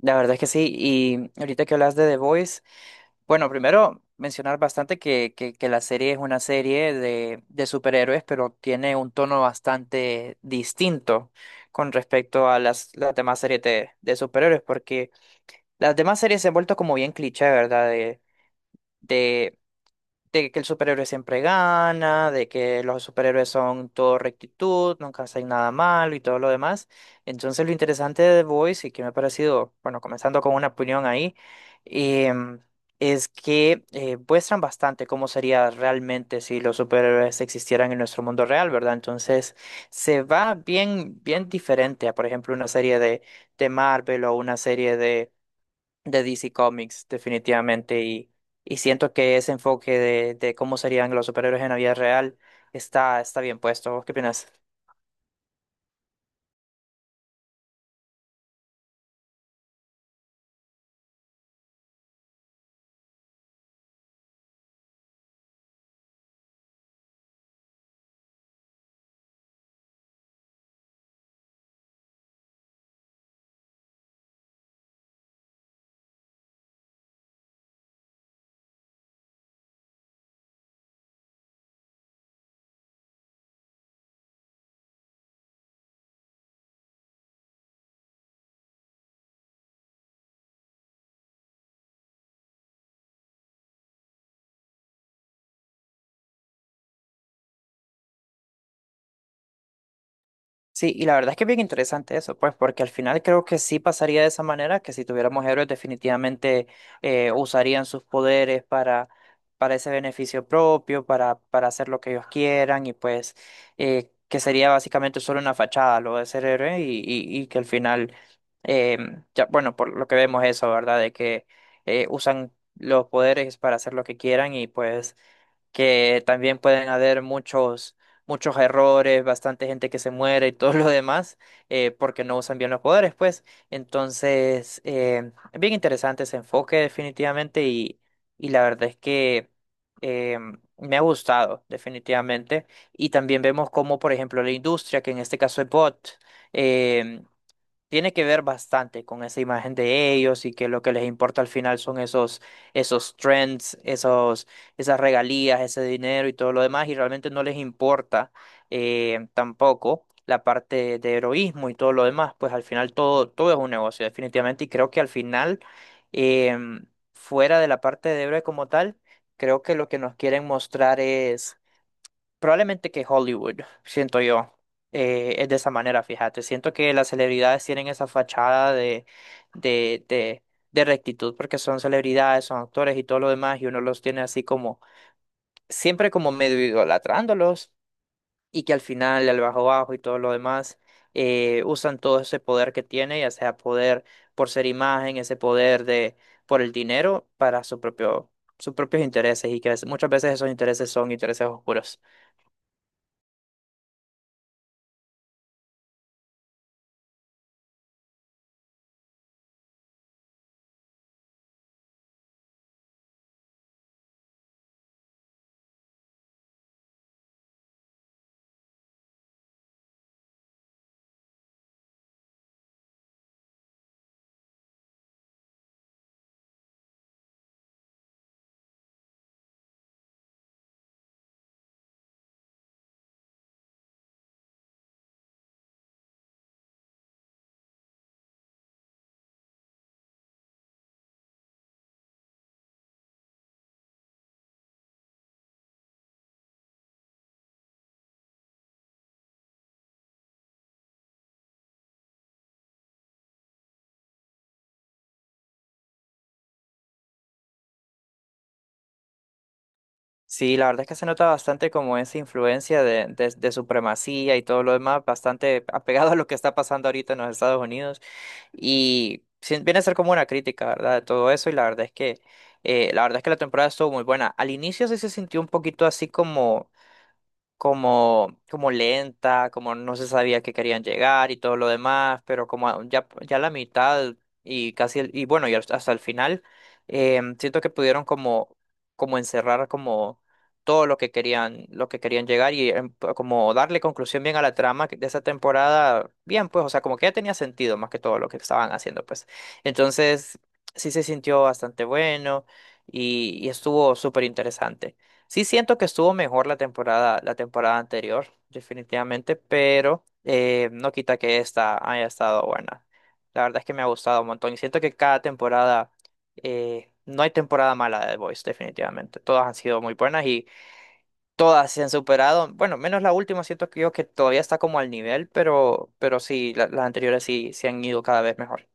La verdad es que sí, y ahorita que hablas de The Voice, bueno, primero mencionar bastante que la serie es una serie de superhéroes, pero tiene un tono bastante distinto con respecto a las demás series de superhéroes, porque las demás series se han vuelto como bien cliché, ¿verdad? De de que el superhéroe siempre gana, de que los superhéroes son todo rectitud, nunca hacen nada malo y todo lo demás. Entonces lo interesante de The Voice y que me ha parecido, bueno, comenzando con una opinión ahí, em, es que muestran bastante cómo sería realmente si los superhéroes existieran en nuestro mundo real, ¿verdad? Entonces se va bien, bien diferente a, por ejemplo, una serie de Marvel o una serie de DC Comics, definitivamente. Y siento que ese enfoque de cómo serían los superhéroes en la vida real está, está bien puesto. ¿Vos qué opinas? Sí, y la verdad es que es bien interesante eso, pues, porque al final creo que sí pasaría de esa manera, que si tuviéramos héroes definitivamente usarían sus poderes para ese beneficio propio, para hacer lo que ellos quieran, y pues que sería básicamente solo una fachada lo de ser héroe, y que al final, eh, ya, bueno, por lo que vemos eso, ¿verdad? De que usan los poderes para hacer lo que quieran y pues que también pueden haber muchos, muchos errores, bastante gente que se muere y todo lo demás, porque no usan bien los poderes, pues. Entonces, es bien interesante ese enfoque definitivamente y la verdad es que eh, me ha gustado definitivamente. Y también vemos cómo, por ejemplo, la industria, que en este caso es Bot, eh, tiene que ver bastante con esa imagen de ellos y que lo que les importa al final son esos, esos trends, esos, esas regalías, ese dinero y todo lo demás, y realmente no les importa tampoco la parte de heroísmo y todo lo demás, pues al final todo, todo es un negocio, definitivamente, y creo que al final, em, fuera de la parte de héroe como tal, creo que lo que nos quieren mostrar probablemente que Hollywood, siento yo, es de esa manera, fíjate. Siento que las celebridades tienen esa fachada de, de, de rectitud porque son celebridades, son actores y todo lo demás, y uno los tiene así como, siempre como medio idolatrándolos, y que al final, al bajo bajo y todo lo demás, usan todo ese poder que tiene, ya sea poder por ser imagen, ese poder de, por el dinero, para su propio, sus propios intereses, y que es- muchas veces esos intereses son intereses oscuros. Sí, la verdad es que se nota bastante como esa influencia de supremacía y todo lo demás, bastante apegado a lo que está pasando ahorita en los Estados Unidos. Y sí, viene a ser como una crítica, ¿verdad? De todo eso. Y la verdad es que, la verdad es que la temporada estuvo muy buena. Al inicio sí se sintió un poquito así como como lenta, como no se sabía que querían llegar y todo lo demás, pero como a- ya, ya la mitad y casi, el- y bueno, y hasta hasta el final, siento que pudieron como, como encerrar como todo lo que querían llegar y como darle conclusión bien a la trama que- de esa temporada, bien, pues, o sea, como que ya tenía sentido más que todo lo que estaban haciendo, pues. Entonces, sí se sintió bastante bueno y estuvo súper interesante. Sí siento que estuvo mejor la temporada anterior, definitivamente, pero no quita que esta haya estado buena. La verdad es que me ha gustado un montón y siento que cada temporada, no hay temporada mala de The Voice, definitivamente. Todas han sido muy buenas y todas se han superado. Bueno, menos la última, siento que yo que todavía está como al nivel, pero sí, la- las anteriores sí se han ido cada vez mejor.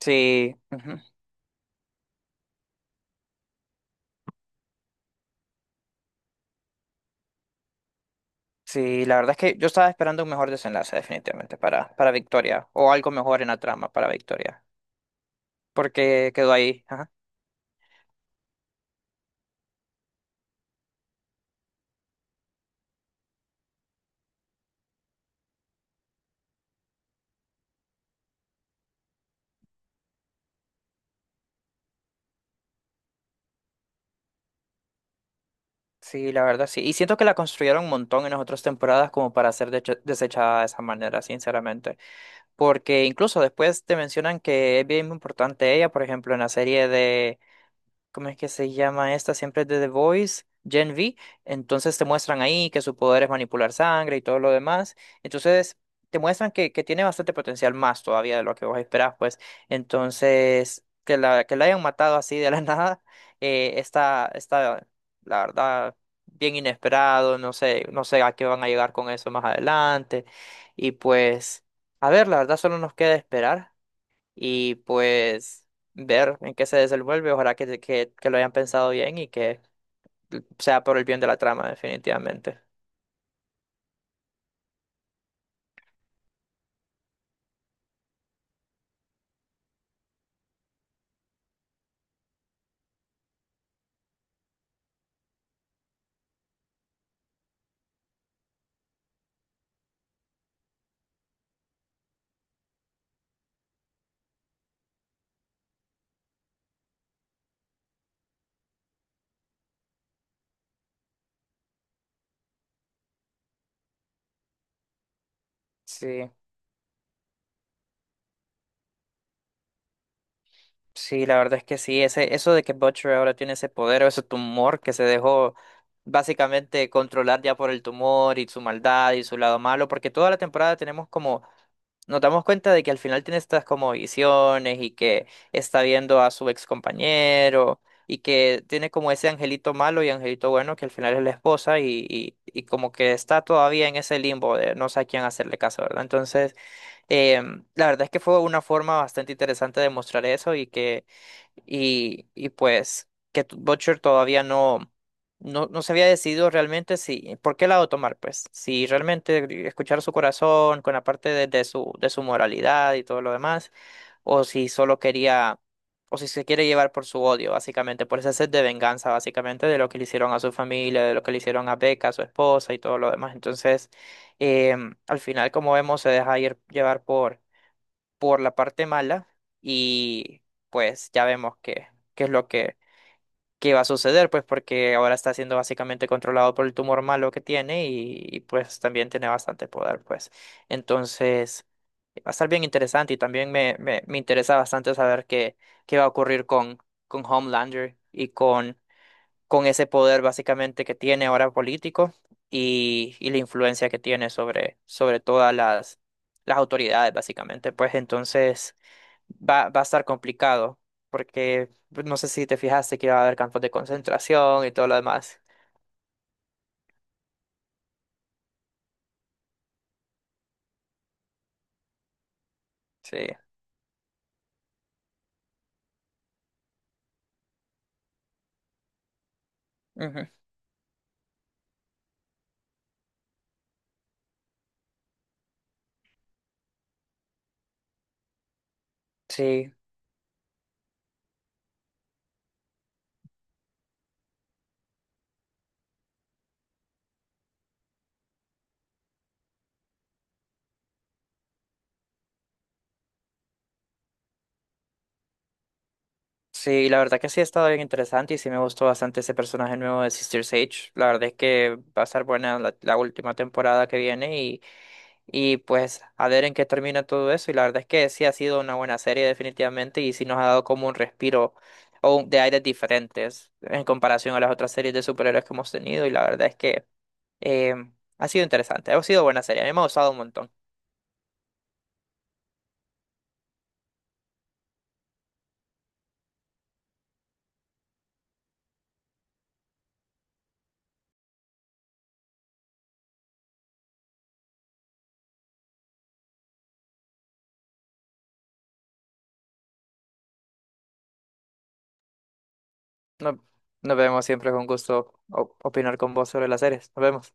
Sí. Ujú. Sí, la verdad es que yo estaba esperando un mejor desenlace definitivamente para Victoria o algo mejor en la trama para Victoria, porque quedó ahí. Ajá. Sí, la verdad sí. Y siento que la construyeron un montón en las otras temporadas como para ser deche- desechada de esa manera, sinceramente. Porque incluso después te mencionan que es bien importante ella, por ejemplo, en la serie, ¿cómo es que se llama esta? Siempre es de The Voice, Gen V. Entonces te muestran ahí que su poder es manipular sangre y todo lo demás. Entonces te muestran que tiene bastante potencial más todavía de lo que vos esperás, pues. Entonces, que la hayan matado así de la nada, está, está, la verdad, bien inesperado. No sé, no sé a qué van a llegar con eso más adelante. Y pues, a ver, la verdad solo nos queda esperar y pues ver en qué se desenvuelve. Ojalá que lo hayan pensado bien y que sea por el bien de la trama, definitivamente. Sí, sí, la verdad es que sí. Ese, eso de que Butcher ahora tiene ese poder o ese tumor que se dejó básicamente controlar ya por el tumor y su maldad y su lado malo, porque toda la temporada tenemos como nos damos cuenta de que al final tiene estas como visiones y que está viendo a su ex compañero y que tiene como ese angelito malo y angelito bueno que al final es la esposa y como que está todavía en ese limbo de no sé a quién hacerle caso, ¿verdad? Entonces... la verdad es que fue una forma bastante interesante de mostrar eso y que, y pues, que t- Butcher todavía no se había decidido realmente si, por qué lado tomar, pues, si realmente escuchar su corazón con la parte de su, de su moralidad y todo lo demás, o si solo quería, o si se quiere llevar por su odio, básicamente, por ese sed de venganza, básicamente, de lo que le hicieron a su familia, de lo que le hicieron a Becca, a su esposa y todo lo demás. Entonces, al final, como vemos, se deja ir- llevar por la parte mala y pues ya vemos que, qué es lo que va a suceder, pues porque ahora está siendo básicamente controlado por el tumor malo que tiene y, pues también tiene bastante poder, pues. Entonces, va a estar bien interesante y también me interesa bastante saber qué, qué va a ocurrir con Homelander y con ese poder básicamente que tiene ahora político y la influencia que tiene sobre, sobre todas las autoridades básicamente. Pues entonces va a estar complicado porque pues, no sé si te fijaste que va a haber campos de concentración y todo lo demás. Sí, ujú. Sí, sí, la verdad que sí ha estado bien interesante y sí me gustó bastante ese personaje nuevo de Sister Sage. La verdad es que va a estar buena la, la última temporada que viene. Y pues a ver en qué termina todo eso. Y la verdad es que sí ha sido una buena serie definitivamente y sí nos ha dado como un respiro o un- de aires diferentes en comparación a las otras series de superhéroes que hemos tenido. Y la verdad es que eh, ha sido interesante, ha sido buena serie, a mí me ha gustado un montón. No- Nos, vemos siempre con gusto o- opinar con vos sobre las series. Nos vemos.